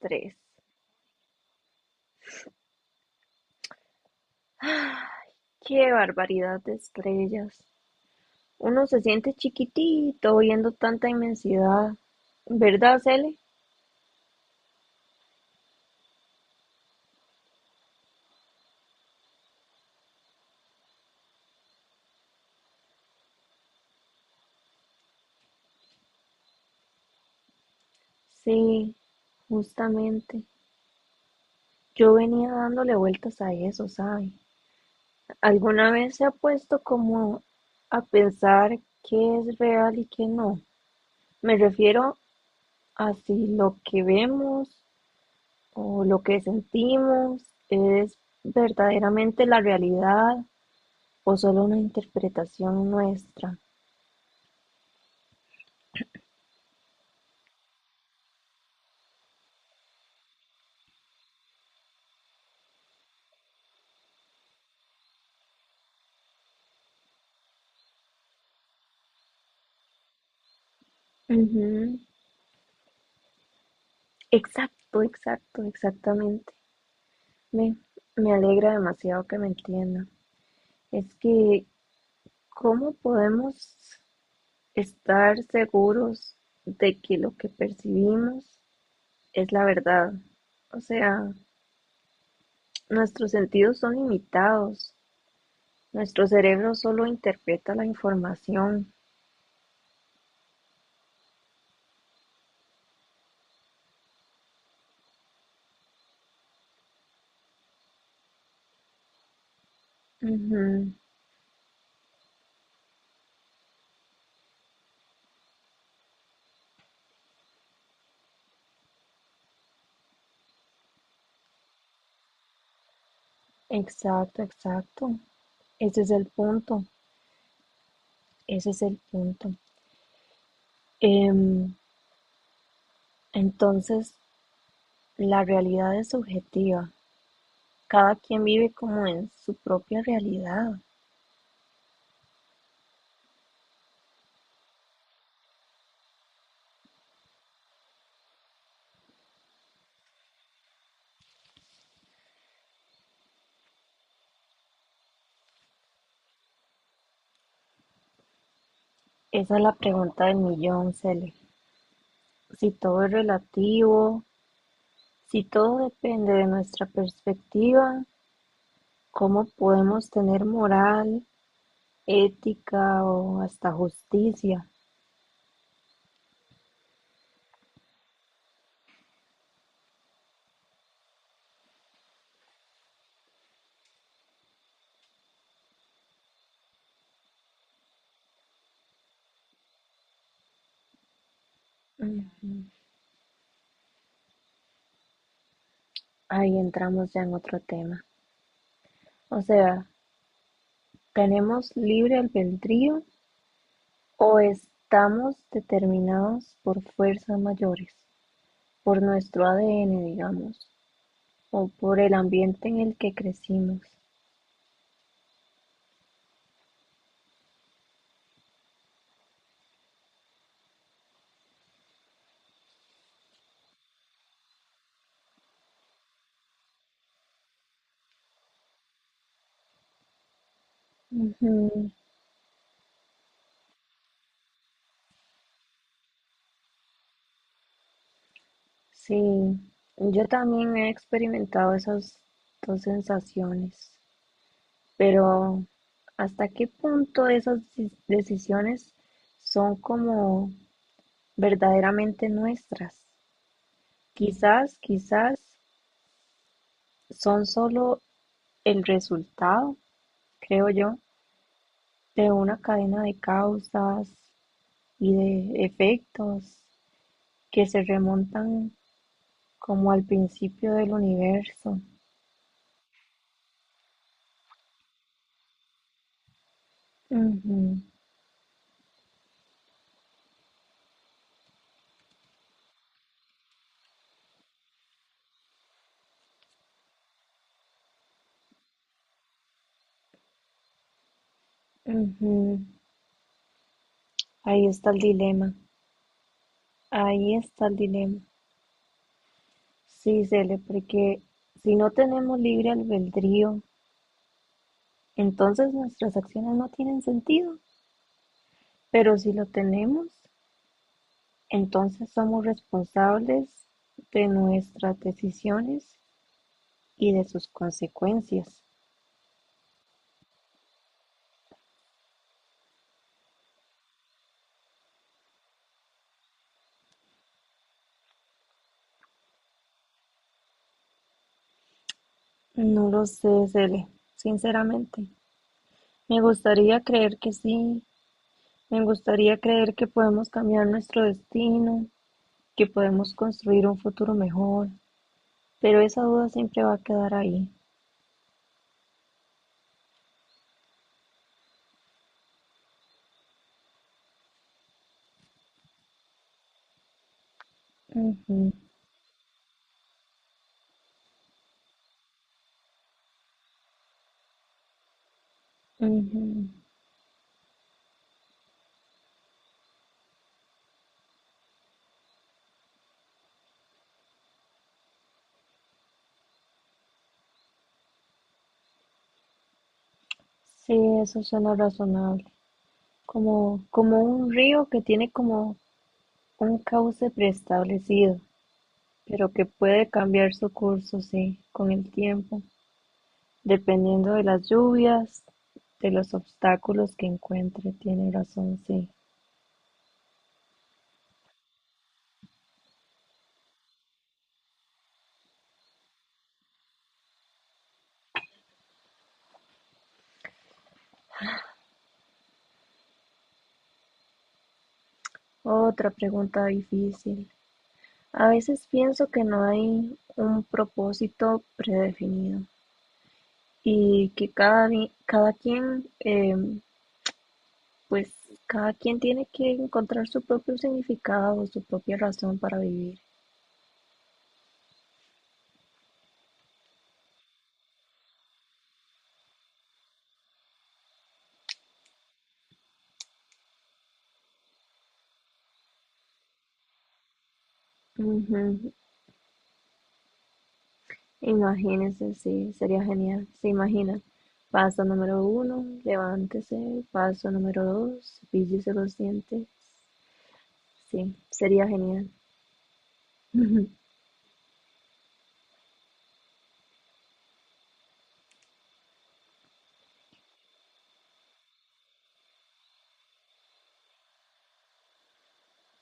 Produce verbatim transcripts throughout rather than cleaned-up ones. Tres. ¡Qué barbaridad de estrellas! Uno se siente chiquitito viendo tanta inmensidad. ¿Verdad, Cele? Sí, justamente. Yo venía dándole vueltas a eso, ¿sabe? ¿Alguna vez se ha puesto como a pensar qué es real y qué no? Me refiero a si lo que vemos o lo que sentimos es verdaderamente la realidad o solo una interpretación nuestra. Ujú. Exacto, exacto, exactamente. Me, Me alegra demasiado que me entienda. Es que, ¿cómo podemos estar seguros de que lo que percibimos es la verdad? O sea, nuestros sentidos son limitados. Nuestro cerebro solo interpreta la información. Ujú. Exacto, exacto. Ese es el punto, ese es el punto. Em, entonces, la realidad es subjetiva, cada quien vive como en su propia realidad. Esa es la pregunta del millón, Cele. Si todo es relativo, si todo depende de nuestra perspectiva, ¿cómo podemos tener moral, ética o hasta justicia? Ujú. Ahí entramos ya en otro tema. O sea, ¿tenemos libre albedrío o estamos determinados por fuerzas mayores? Por nuestro A D N, digamos, o por el ambiente en el que crecimos. Ujú. Sí, yo también he experimentado esas dos sensaciones, pero ¿hasta qué punto esas deci- decisiones son como verdaderamente nuestras? Quizás, quizás son solo el resultado, creo yo, de una cadena de causas y de efectos que se remontan como al principio del universo. Ujú, ujú. Ahí está el dilema, ahí está el dilema. Sí, Cele, porque si no tenemos libre albedrío, entonces nuestras acciones no tienen sentido, pero si lo tenemos, entonces somos responsables de nuestras decisiones y de sus consecuencias. No lo sé, Cele, sinceramente. Me gustaría creer que sí, me gustaría creer que podemos cambiar nuestro destino, que podemos construir un futuro mejor, pero esa duda siempre va a quedar ahí. Ujú, ujú. Sí, eso suena razonable. Como, como un río que tiene como un cauce preestablecido, pero que puede cambiar su curso, sí, con el tiempo, dependiendo de las lluvias, de los obstáculos que encuentre, tiene razón, sí. Otra pregunta difícil. A veces pienso que no hay un propósito predefinido y que cada, vi- cada quien, eh, pues cada quien tiene que encontrar su propio significado, o su propia razón para vivir. Ujú. Imagínense, sí, sería genial. Se imagina. Paso número uno, levántese. Paso número dos, cepíllese los dientes. Sí, sería genial.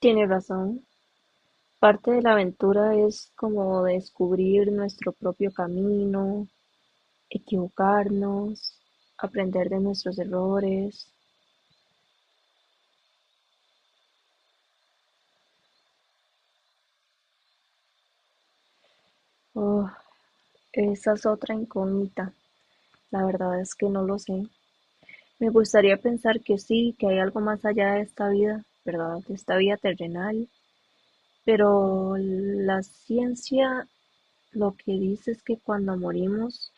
Tiene razón. Parte de la aventura es como descubrir nuestro propio camino, equivocarnos, aprender de nuestros errores. Oh, esa es otra incógnita. La verdad es que no lo sé. Me gustaría pensar que sí, que hay algo más allá de esta vida, ¿verdad? De esta vida terrenal. Pero la ciencia lo que dice es que cuando morimos,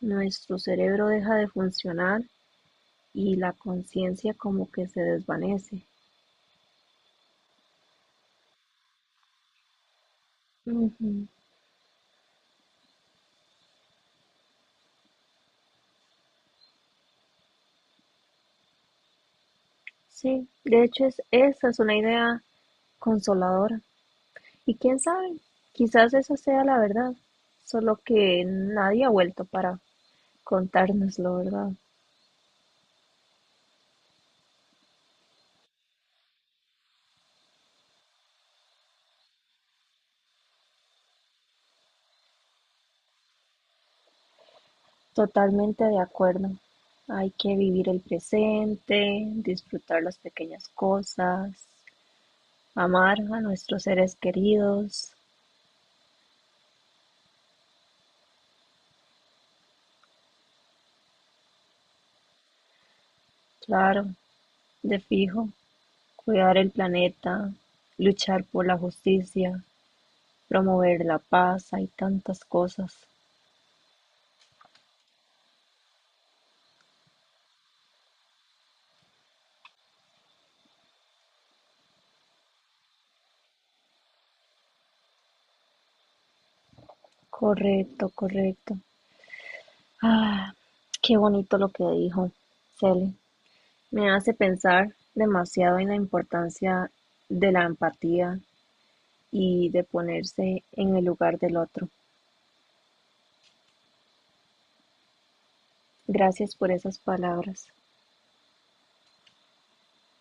nuestro cerebro deja de funcionar y la conciencia como que se desvanece. Ujú. Sí, de hecho es, esa es una idea consoladora. Y quién sabe, quizás esa sea la verdad, solo que nadie ha vuelto para contárnoslo, ¿verdad? Totalmente de acuerdo. Hay que vivir el presente, disfrutar las pequeñas cosas, amar a nuestros seres queridos, claro, de fijo, cuidar el planeta, luchar por la justicia, promover la paz, hay tantas cosas. Correcto, correcto. Ah, qué bonito lo que dijo Cele. Me hace pensar demasiado en la importancia de la empatía y de ponerse en el lugar del otro. Gracias por esas palabras.